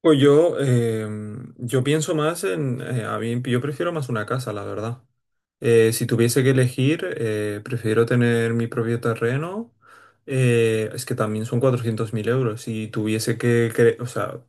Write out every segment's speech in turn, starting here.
Pues yo pienso más a mí, yo prefiero más una casa, la verdad. Si tuviese que elegir, prefiero tener mi propio terreno. Es que también son 400.000 euros. Si tuviese o sea,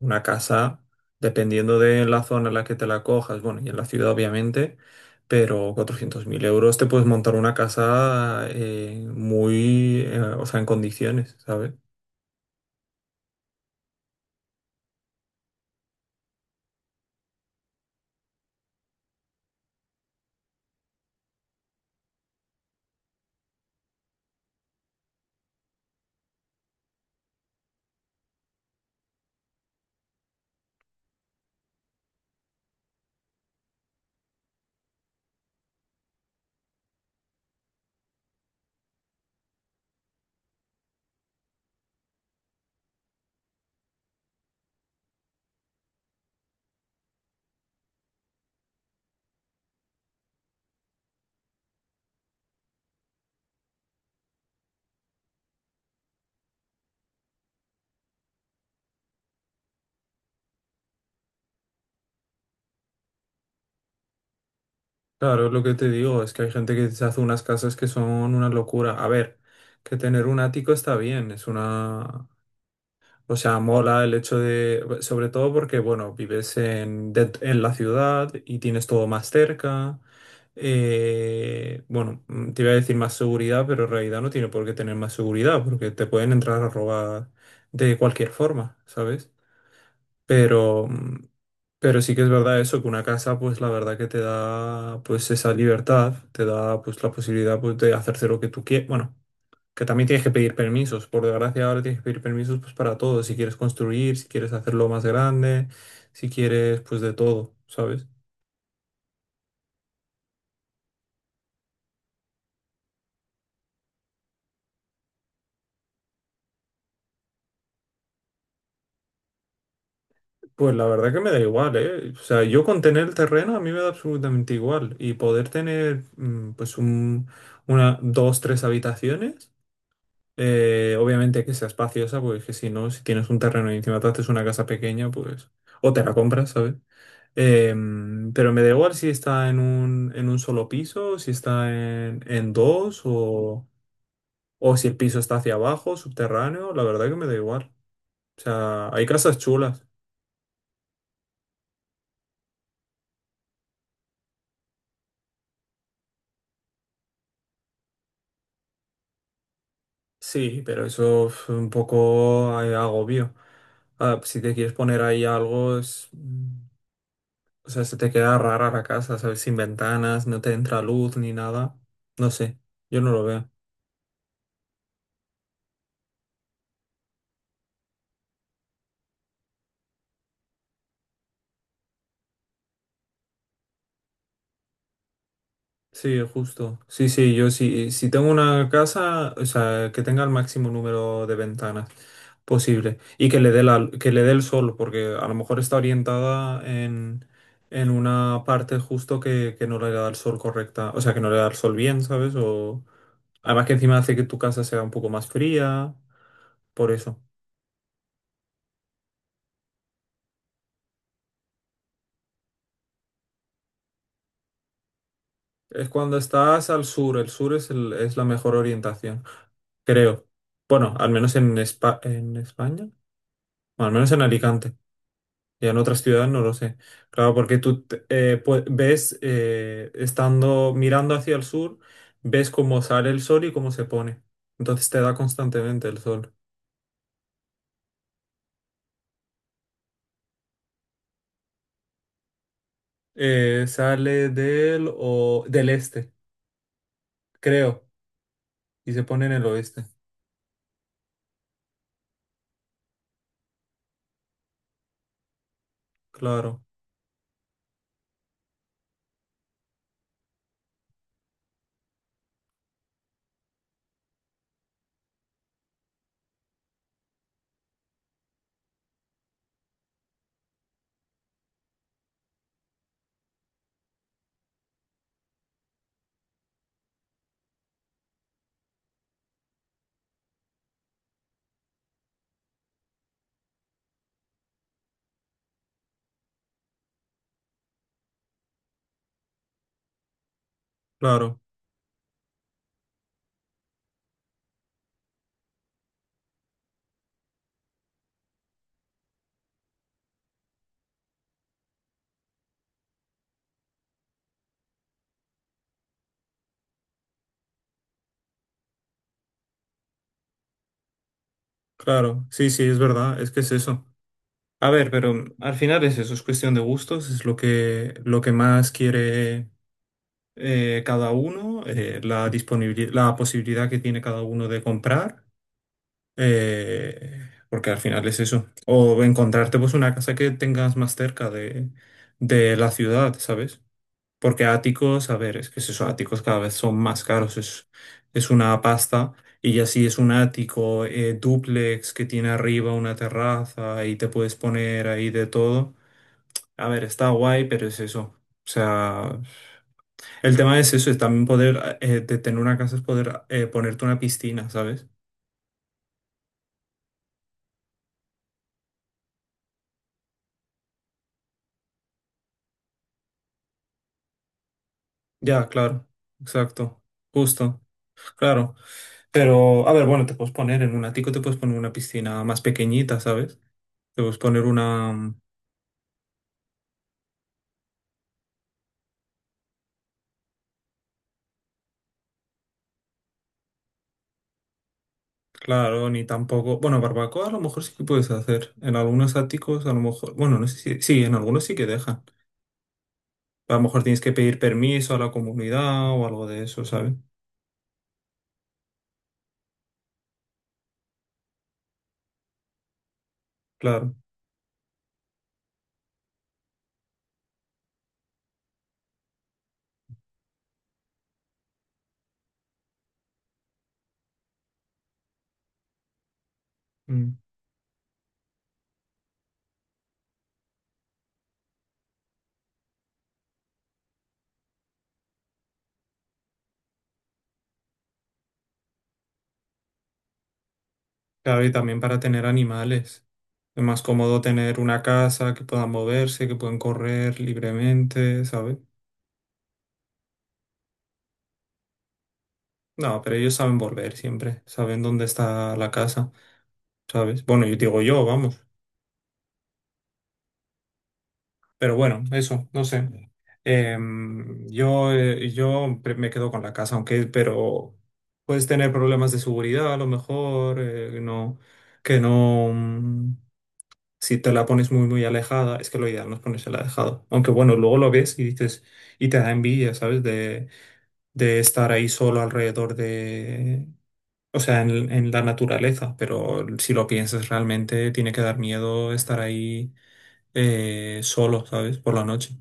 una casa, dependiendo de la zona en la que te la cojas, bueno, y en la ciudad obviamente, pero 400.000 euros te puedes montar una casa muy, o sea, en condiciones, ¿sabes? Claro, es lo que te digo, es que hay gente que se hace unas casas que son una locura. A ver, que tener un ático está bien, es una... O sea, mola el hecho de... Sobre todo porque, bueno, vives en la ciudad y tienes todo más cerca. Bueno, te iba a decir más seguridad, pero en realidad no tiene por qué tener más seguridad, porque te pueden entrar a robar de cualquier forma, ¿sabes? Pero, mm, pero sí que es verdad eso, que una casa, pues la verdad que te da pues esa libertad, te da pues la posibilidad pues, de hacerse lo que tú quieras. Bueno, que también tienes que pedir permisos. Por desgracia, ahora tienes que pedir permisos pues para todo. Si quieres construir, si quieres hacerlo más grande, si quieres pues de todo, ¿sabes? Pues la verdad que me da igual, ¿eh? O sea, yo con tener el terreno a mí me da absolutamente igual. Y poder tener pues un, una, dos, tres habitaciones. Obviamente hay que sea espaciosa, porque es que si no, si tienes un terreno y encima te haces una casa pequeña, pues. O te la compras, ¿sabes? Pero me da igual si está en un solo piso, si está en dos, o si el piso está hacia abajo, subterráneo, la verdad que me da igual. O sea, hay casas chulas. Sí, pero eso es un poco agobio. Ah, si te quieres poner ahí algo, es. O sea, se te queda rara la casa, ¿sabes? Sin ventanas, no te entra luz ni nada. No sé, yo no lo veo. Sí, justo. Sí, sí, yo sí. Si tengo una casa, o sea, que tenga el máximo número de ventanas posible y que le dé el sol, porque a lo mejor está orientada en una parte justo que no le da el sol correcta, o sea, que no le da el sol bien, ¿sabes? O además que encima hace que tu casa sea un poco más fría, por eso. Es cuando estás al sur, el sur es la mejor orientación, creo. Bueno, al menos en España, o al menos en Alicante, y en otras ciudades no lo sé. Claro, porque tú ves, estando mirando hacia el sur, ves cómo sale el sol y cómo se pone. Entonces te da constantemente el sol. Sale del este, creo, y se pone en el oeste. Claro, claro, claro. Sí, sí, es verdad, es que es eso. A ver, pero al final es eso, es cuestión de gustos, es lo que, lo que, más quiere cada uno, la disponibilidad, la posibilidad que tiene cada uno de comprar, porque al final es eso. O encontrarte pues una casa que tengas más cerca de la ciudad, ¿sabes? Porque áticos, a ver, es que es eso, áticos cada vez son más caros, es una pasta. Y ya si es un ático, dúplex que tiene arriba una terraza y te puedes poner ahí de todo. A ver, está guay, pero es eso. O sea, el tema es eso, es también poder, de tener una casa es poder ponerte una piscina, ¿sabes? Ya, claro, exacto, justo, claro. Pero, a ver, bueno, te puedes poner en un ático, te puedes poner una piscina más pequeñita, ¿sabes? Te puedes poner una, claro, ni tampoco, bueno, barbacoa a lo mejor sí que puedes hacer. En algunos áticos, a lo mejor, bueno, no sé si, sí, en algunos sí que dejan. A lo mejor tienes que pedir permiso a la comunidad o algo de eso, ¿sabes? Claro. Mm. Claro, y también para tener animales. Es más cómodo tener una casa que puedan moverse, que pueden correr libremente, ¿sabes? No, pero ellos saben volver siempre, saben dónde está la casa, ¿sabes? Bueno, yo digo yo, vamos. Pero bueno, eso, no sé. Yo me quedo con la casa, aunque, pero puedes tener problemas de seguridad a lo mejor, no, que no, si te la pones muy, muy alejada, es que lo ideal no es ponérsela alejado. Aunque bueno, luego lo ves y dices, y te da envidia, ¿sabes? De estar ahí solo alrededor de, o sea, en la naturaleza, pero si lo piensas realmente, tiene que dar miedo estar ahí solo, ¿sabes? Por la noche.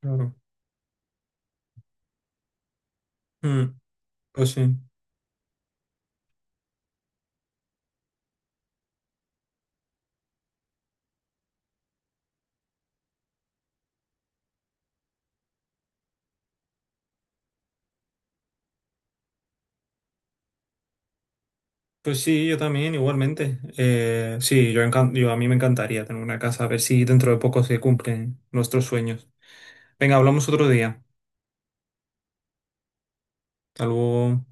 Claro. Mm, pues sí. Pues sí, yo también, igualmente. Sí, yo, encan- yo a mí me encantaría tener una casa, a ver si dentro de poco se cumplen nuestros sueños. Venga, hablamos otro día. Hasta luego.